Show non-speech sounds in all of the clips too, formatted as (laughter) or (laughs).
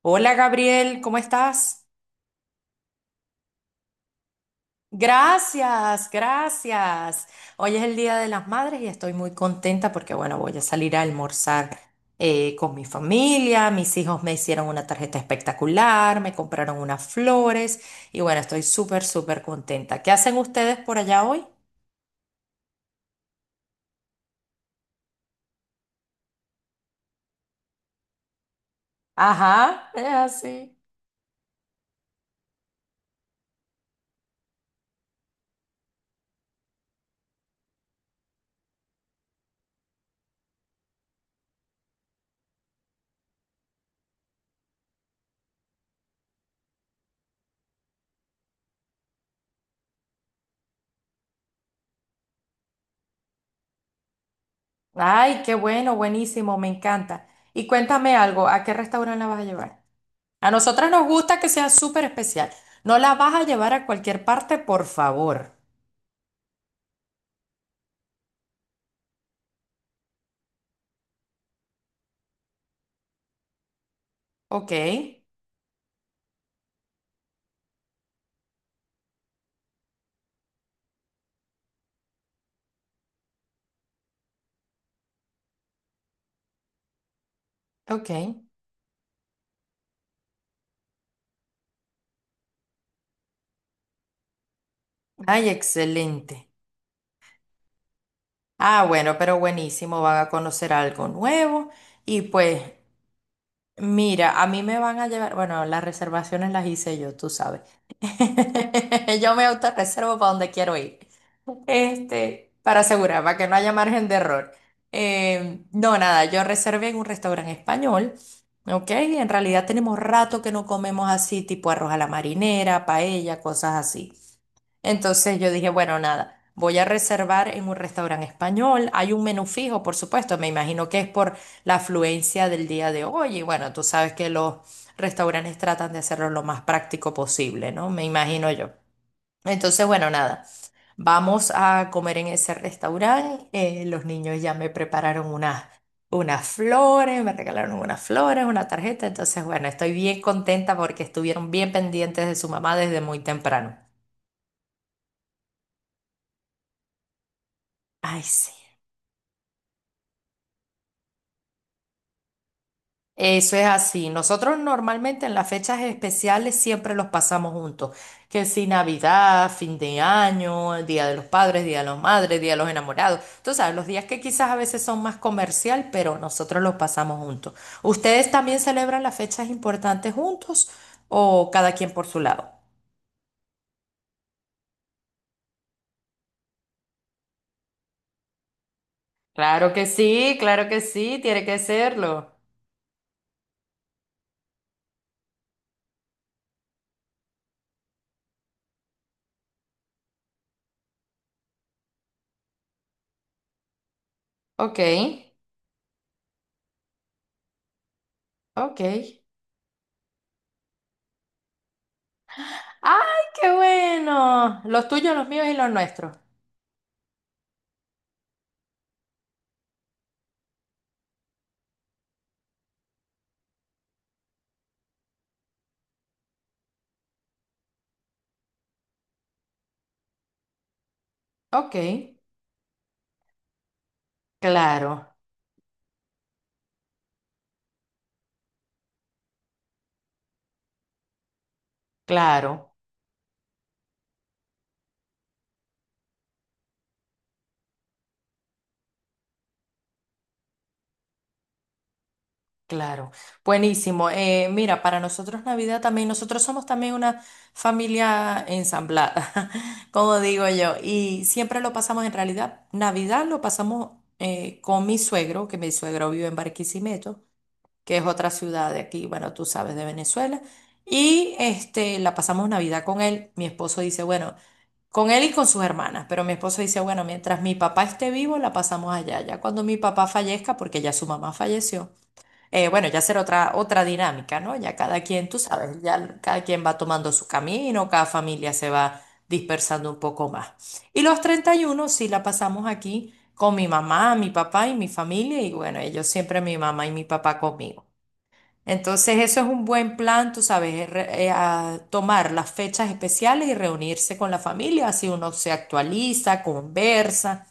Hola Gabriel, ¿cómo estás? Gracias, gracias. Hoy es el Día de las Madres y estoy muy contenta porque, bueno, voy a salir a almorzar con mi familia. Mis hijos me hicieron una tarjeta espectacular, me compraron unas flores y, bueno, estoy súper, súper contenta. ¿Qué hacen ustedes por allá hoy? Ajá, es así. Ay, qué bueno, buenísimo, me encanta. Y cuéntame algo, ¿a qué restaurante la vas a llevar? A nosotras nos gusta que sea súper especial. No la vas a llevar a cualquier parte, por favor. Ok, ok. Ay, excelente. Ah, bueno, pero buenísimo, van a conocer algo nuevo. Y pues, mira, a mí me van a llevar, bueno, las reservaciones las hice yo, tú sabes. (laughs) Yo me autorreservo para donde quiero ir. Este, para asegurar, para que no haya margen de error. No, nada, yo reservé en un restaurante español, ¿ok? En realidad tenemos rato que no comemos así, tipo arroz a la marinera, paella, cosas así. Entonces yo dije, bueno, nada, voy a reservar en un restaurante español. Hay un menú fijo, por supuesto, me imagino que es por la afluencia del día de hoy. Y bueno, tú sabes que los restaurantes tratan de hacerlo lo más práctico posible, ¿no? Me imagino yo. Entonces, bueno, nada, vamos a comer en ese restaurante. Los niños ya me prepararon unas flores, me regalaron unas flores, una tarjeta. Entonces, bueno, estoy bien contenta porque estuvieron bien pendientes de su mamá desde muy temprano. Ay, sí. Eso es así. Nosotros normalmente en las fechas especiales siempre los pasamos juntos. Que si Navidad, fin de año, el Día de los Padres, Día de las Madres, Día de los Enamorados. Tú sabes, los días que quizás a veces son más comercial, pero nosotros los pasamos juntos. ¿Ustedes también celebran las fechas importantes juntos o cada quien por su lado? Claro que sí, tiene que serlo. Ok, ok. ¡Ay, qué bueno! Los tuyos, los míos y los nuestros. Ok. Claro, claro, claro. Buenísimo. Mira, para nosotros Navidad también, nosotros somos también una familia ensamblada, (laughs) como digo yo, y siempre lo pasamos en realidad. Navidad lo pasamos con mi suegro, que mi suegro vive en Barquisimeto, que es otra ciudad de aquí, bueno, tú sabes, de Venezuela. Y este, la pasamos Navidad con él. Mi esposo dice, bueno. Con él y con sus hermanas, pero mi esposo dice, bueno, mientras mi papá esté vivo, la pasamos allá. Ya cuando mi papá fallezca, porque ya su mamá falleció, bueno, ya será otra dinámica, ¿no? Ya cada quien, tú sabes, ya cada quien va tomando su camino, cada familia se va dispersando un poco más. Y los 31 sí la pasamos aquí con mi mamá, mi papá y mi familia, y bueno, ellos siempre mi mamá y mi papá conmigo. Entonces eso es un buen plan, tú sabes, es a tomar las fechas especiales y reunirse con la familia, así uno se actualiza, conversa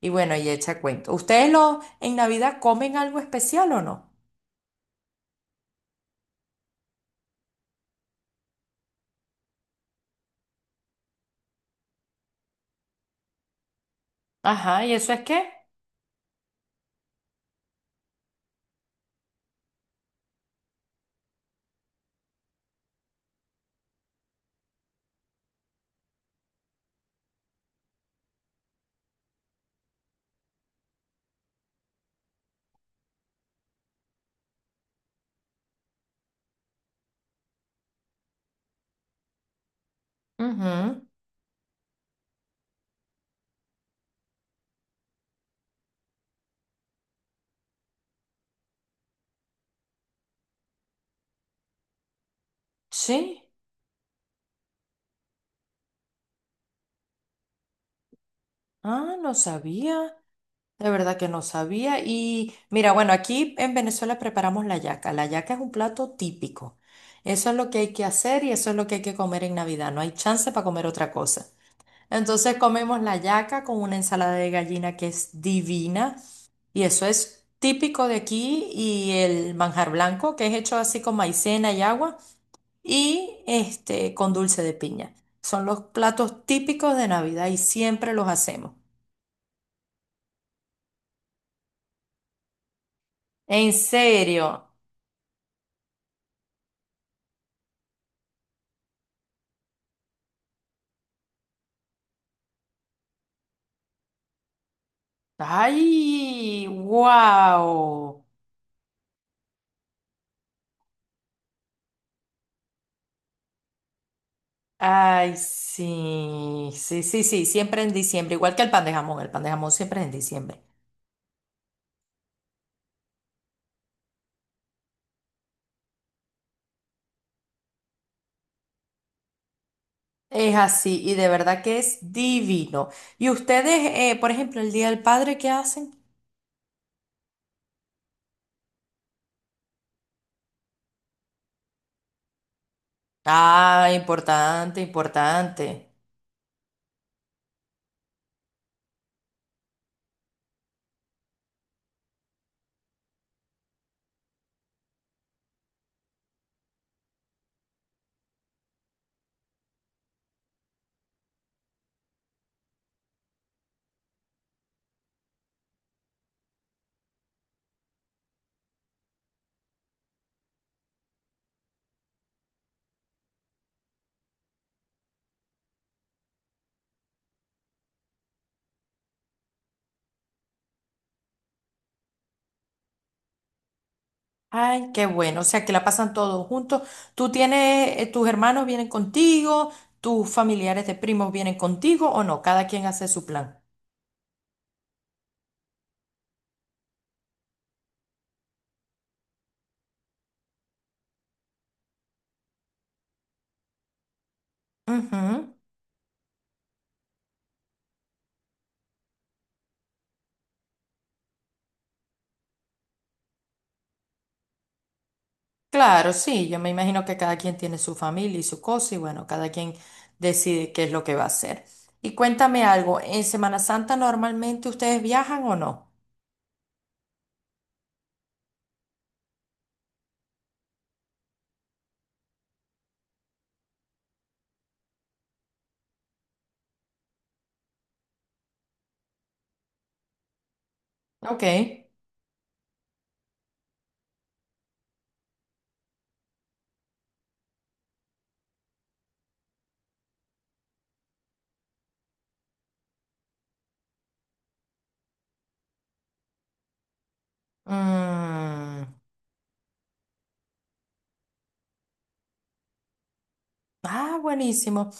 y bueno, y echa cuento. ¿Ustedes lo, en Navidad comen algo especial o no? Ajá, ¿y eso es qué? Ujú, sí. Ah, no sabía. De verdad que no sabía. Y mira, bueno, aquí en Venezuela preparamos la yaca. La yaca es un plato típico. Eso es lo que hay que hacer y eso es lo que hay que comer en Navidad. No hay chance para comer otra cosa. Entonces comemos la yaca con una ensalada de gallina que es divina y eso es típico de aquí y el manjar blanco que es hecho así con maicena y agua y este con dulce de piña. Son los platos típicos de Navidad y siempre los hacemos. En serio. Ay, wow. Ay, sí, sí, sí, sí, siempre en diciembre, igual que el pan de jamón, el pan de jamón siempre es en diciembre. Es así, y de verdad que es divino. ¿Y ustedes, por ejemplo, el Día del Padre, qué hacen? Ah, importante, importante. Ay, qué bueno, o sea, que la pasan todos juntos. ¿Tú tienes, tus hermanos vienen contigo, tus familiares de primos vienen contigo o no? Cada quien hace su plan. Ujú, claro, sí, yo me imagino que cada quien tiene su familia y su cosa y bueno, cada quien decide qué es lo que va a hacer. Y cuéntame algo, ¿en Semana Santa normalmente ustedes viajan o no? Ok. Mm. Ah, buenísimo.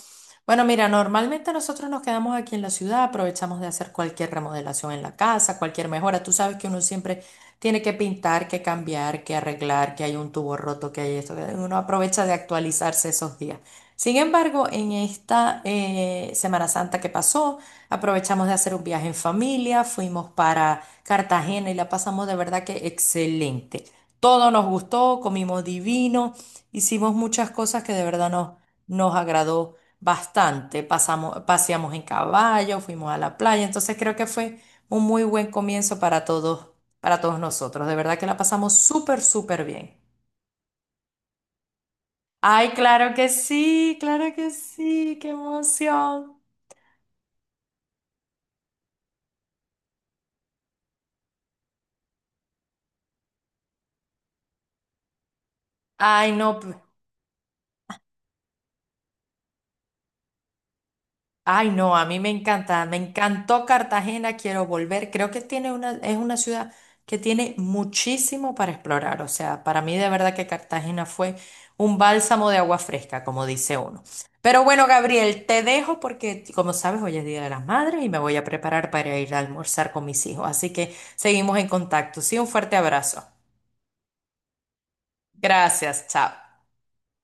Bueno, mira, normalmente nosotros nos quedamos aquí en la ciudad, aprovechamos de hacer cualquier remodelación en la casa, cualquier mejora. Tú sabes que uno siempre tiene que pintar, que cambiar, que arreglar, que hay un tubo roto, que hay esto. Uno aprovecha de actualizarse esos días. Sin embargo, en esta Semana Santa que pasó, aprovechamos de hacer un viaje en familia, fuimos para Cartagena y la pasamos de verdad que excelente. Todo nos gustó, comimos divino, hicimos muchas cosas que de verdad nos agradó bastante. Paseamos en caballo, fuimos a la playa, entonces creo que fue un muy buen comienzo para todos nosotros. De verdad que la pasamos súper, súper bien. Ay, claro que sí, qué emoción. Ay, no. Ay, no, a mí me encanta, me encantó Cartagena, quiero volver. Creo que tiene una, es una ciudad que tiene muchísimo para explorar. O sea, para mí de verdad que Cartagena fue un bálsamo de agua fresca, como dice uno. Pero bueno, Gabriel, te dejo porque, como sabes, hoy es Día de las Madres y me voy a preparar para ir a almorzar con mis hijos. Así que seguimos en contacto. Sí, un fuerte abrazo. Gracias, chao.